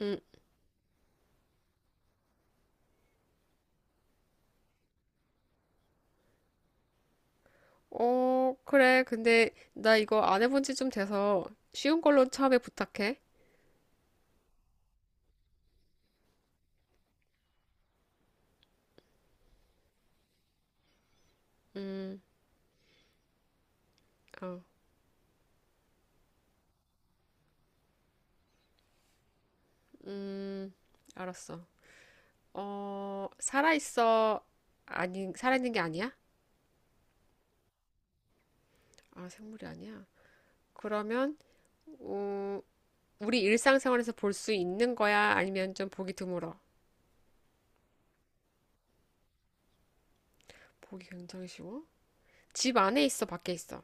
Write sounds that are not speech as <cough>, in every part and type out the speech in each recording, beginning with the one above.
음, 어, 그래. 근데 나 이거 안 해본 지 좀 돼서 쉬운 걸로 처음에 부탁해. 음, 어, 음, 알았어. 어, 살아있어. 아니, 살아있는 게 아니야? 아, 생물이 아니야. 그러면, 어, 우리 일상생활에서 볼 수 있는 거야? 아니면 좀 보기 드물어? 보기 굉장히 쉬워? 집 안에 있어, 밖에 있어?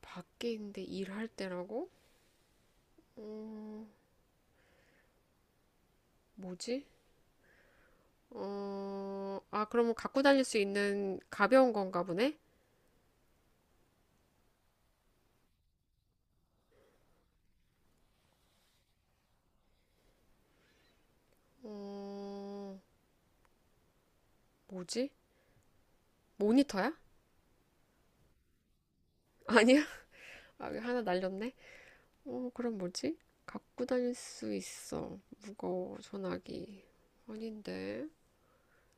밖에 있는데 일할 때라고? 어, 뭐지? 어, 아, 그러면 갖고 다닐 수 있는 가벼운 건가 보네? 어, 뭐지? 모니터야? <laughs> 아니야? 아, 하나 날렸네? 어, 그럼 뭐지? 갖고 다닐 수 있어. 무거워, 전화기. 아닌데.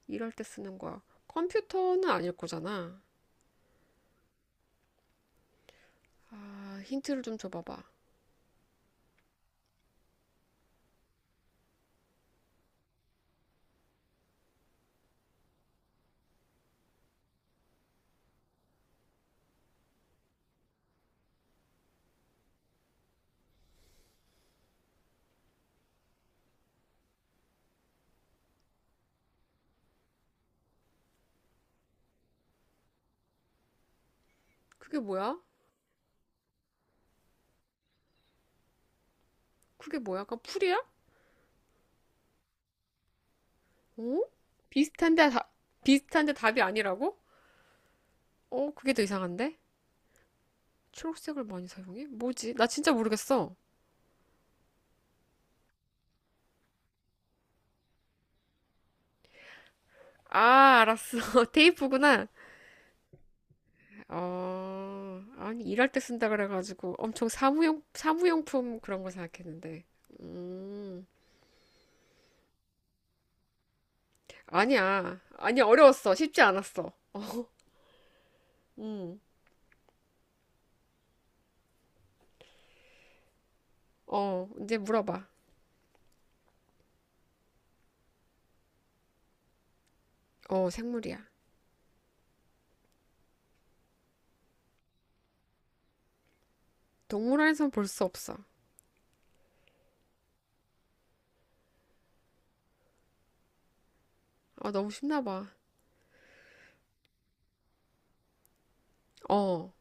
일할 때 쓰는 거야. 컴퓨터는 아닐 거잖아. 아, 힌트를 좀 줘봐봐. 그게 뭐야? 그게 뭐야? 약간 풀이야? 어? 비슷한데, 다, 비슷한데 답이 아니라고? 어, 그게 더 이상한데? 초록색을 많이 사용해? 뭐지? 나 진짜 모르겠어. 아, 알았어. <laughs> 테이프구나. 어, 아니, 일할 때 쓴다 그래가지고 엄청 사무용품 그런 거 생각했는데. 음, 아니야. 아니, 어려웠어. 쉽지 않았어. 음, 어, 이제 물어봐. 어, 생물이야. 동물원에선 볼 수 없어. 아, 너무 쉽나 봐. 어,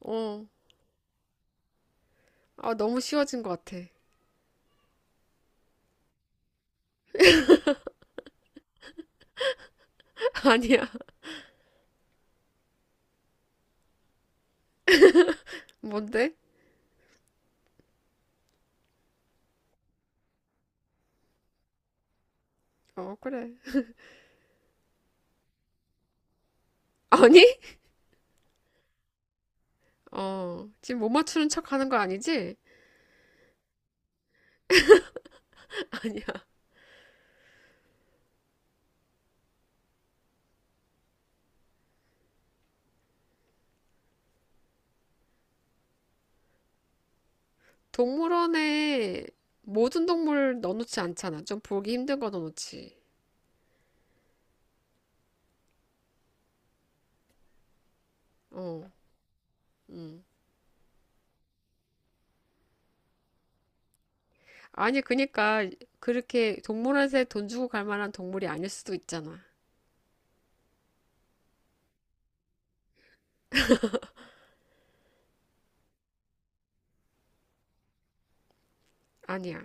어. 아, 너무 쉬워진 것 같아. <laughs> 아니야. 뭔데? 어, 그래. 아니? 어, 지금 못 맞추는 척 하는 거 아니지? <laughs> 동물원에 모든 동물 넣어놓지 않잖아. 좀 보기 힘든 거 넣어놓지. 어, 음. 아니, 그니까, 그렇게 동물원에서 돈 주고 갈 만한 동물이 아닐 수도 있잖아. 아니야.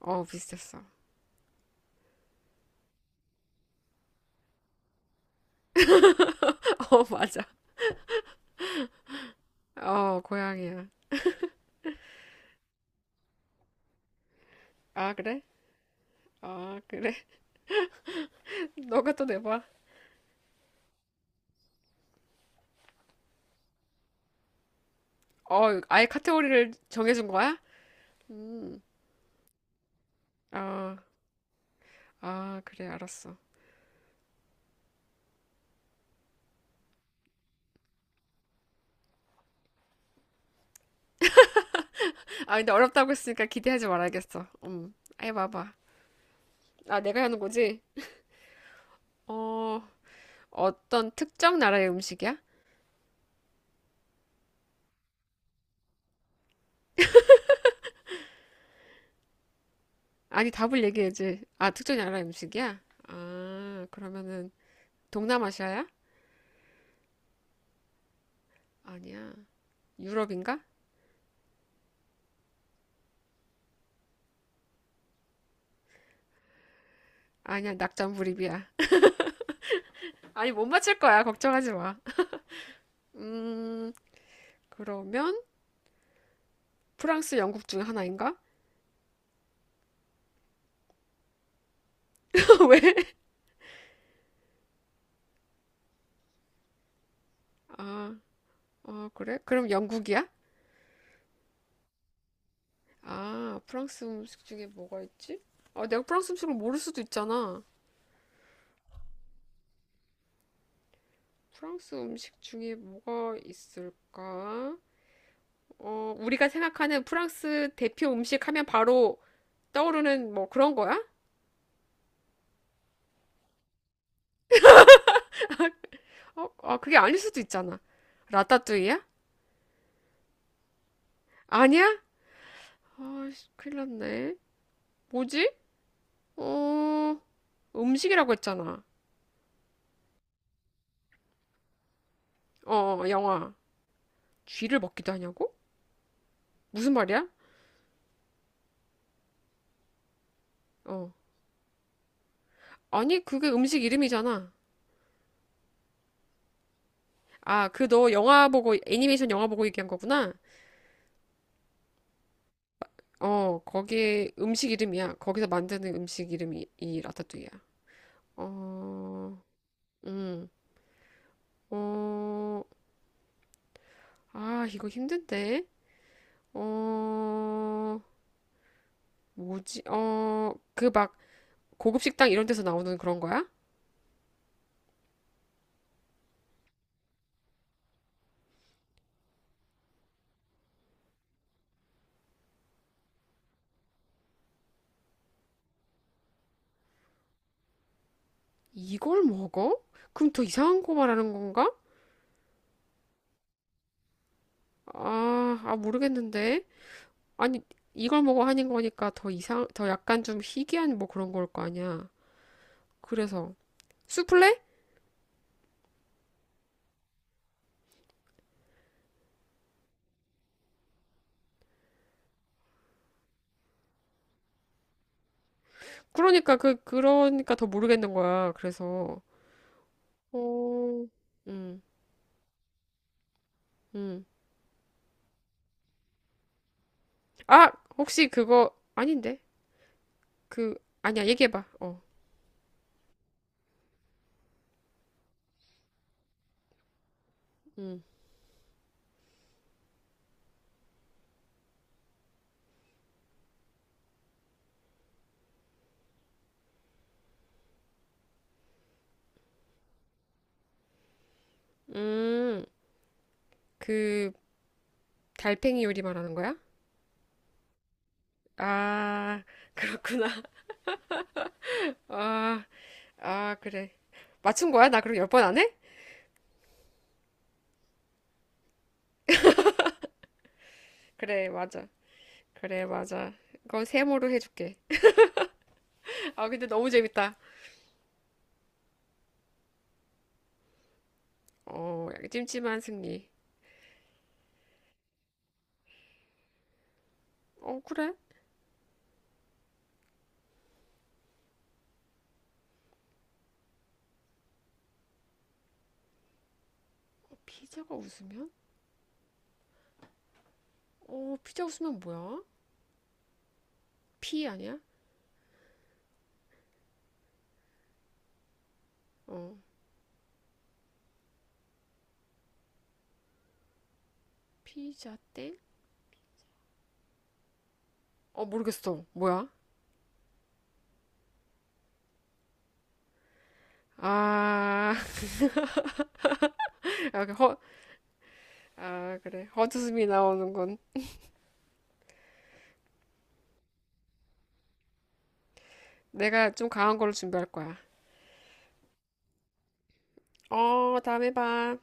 어, 비슷했어. <laughs> 어, 맞아. 어, 고양이야. 아, 그래? 아, 그래? <laughs> 너가 또 내봐. 어, 아예 카테고리를 정해준 거야? 음, 아, 아, 그래, 알았어. 아, 근데 어렵다고 했으니까 기대하지 말아야겠어. 아예 봐봐. 아, 내가 하는 거지? 어, 어떤 특정 나라의 음식이야? 아니, 답을 얘기해야지. 아, 특정 나라의 음식이야? 아, 그러면은 동남아시아야? 아니야. 유럽인가? 아니야, 낙장불입이야. <laughs> 아니, 못 맞힐 거야. 걱정하지 마. 음, 그러면 프랑스, 영국 중에 하나인가? <laughs> 왜? 아, 아, 그래? 그럼 영국이야? 아, 프랑스 음식 중에 뭐가 있지? 아, 내가 프랑스 음식을 모를 수도 있잖아. 프랑스 음식 중에 뭐가 있을까? 어, 우리가 생각하는 프랑스 대표 음식 하면 바로 떠오르는 뭐 그런 거야? 어, 아, 그게 아닐 수도 있잖아. 라따뚜이야? 아니야? 아, 씨, 큰일 났네. 뭐지? 어, 음식이라고 했잖아. 어, 어, 영화. 쥐를 먹기도 하냐고? 무슨 말이야? 어. 아니, 그게 음식 이름이잖아. 아, 그 너 영화 보고, 애니메이션 영화 보고 얘기한 거구나. 어, 거기 음식 이름이야. 거기서 만드는 음식 이름이 이 라따뚜이야. 어, 음. 어, 아, 이거 힘든데? 어, 뭐지? 어, 그 막 고급 식당 이런 데서 나오는 그런 거야? 이걸 먹어? 그럼 더 이상한 거 말하는 건가? 아, 아, 모르겠는데. 아니, 이걸 먹어 하는 거니까 더 약간 좀 희귀한 뭐 그런 걸 거 아니야. 그래서. 수플레? 그러니까 더 모르겠는 거야. 그래서. 어, 음, 음. 아, 혹시 그거 아닌데? 그, 아니야, 얘기해봐. 어. 음. 음, 그 달팽이 요리 말하는 거야? 아, 그렇구나. <laughs> 아, 아, 그래. 맞춘 거야? 나 그럼 10번 안 해? 그래, 맞아. 그래, 맞아. 그건 세모로 해줄게. 아, 근데 너무 재밌다. 어, 약간 찜찜한 승리. 어, 그래? 피자가 웃으면? 어, 피자 웃으면 뭐야? 피 아니야? 어, 피자 땡? 어, 모르겠어. 뭐야? 아, <laughs> 아, 그 허, 아, 그래. 헛웃음이 나오는군. 내가 좀 강한 걸로 준비할 거야. 어, 다음에 봐.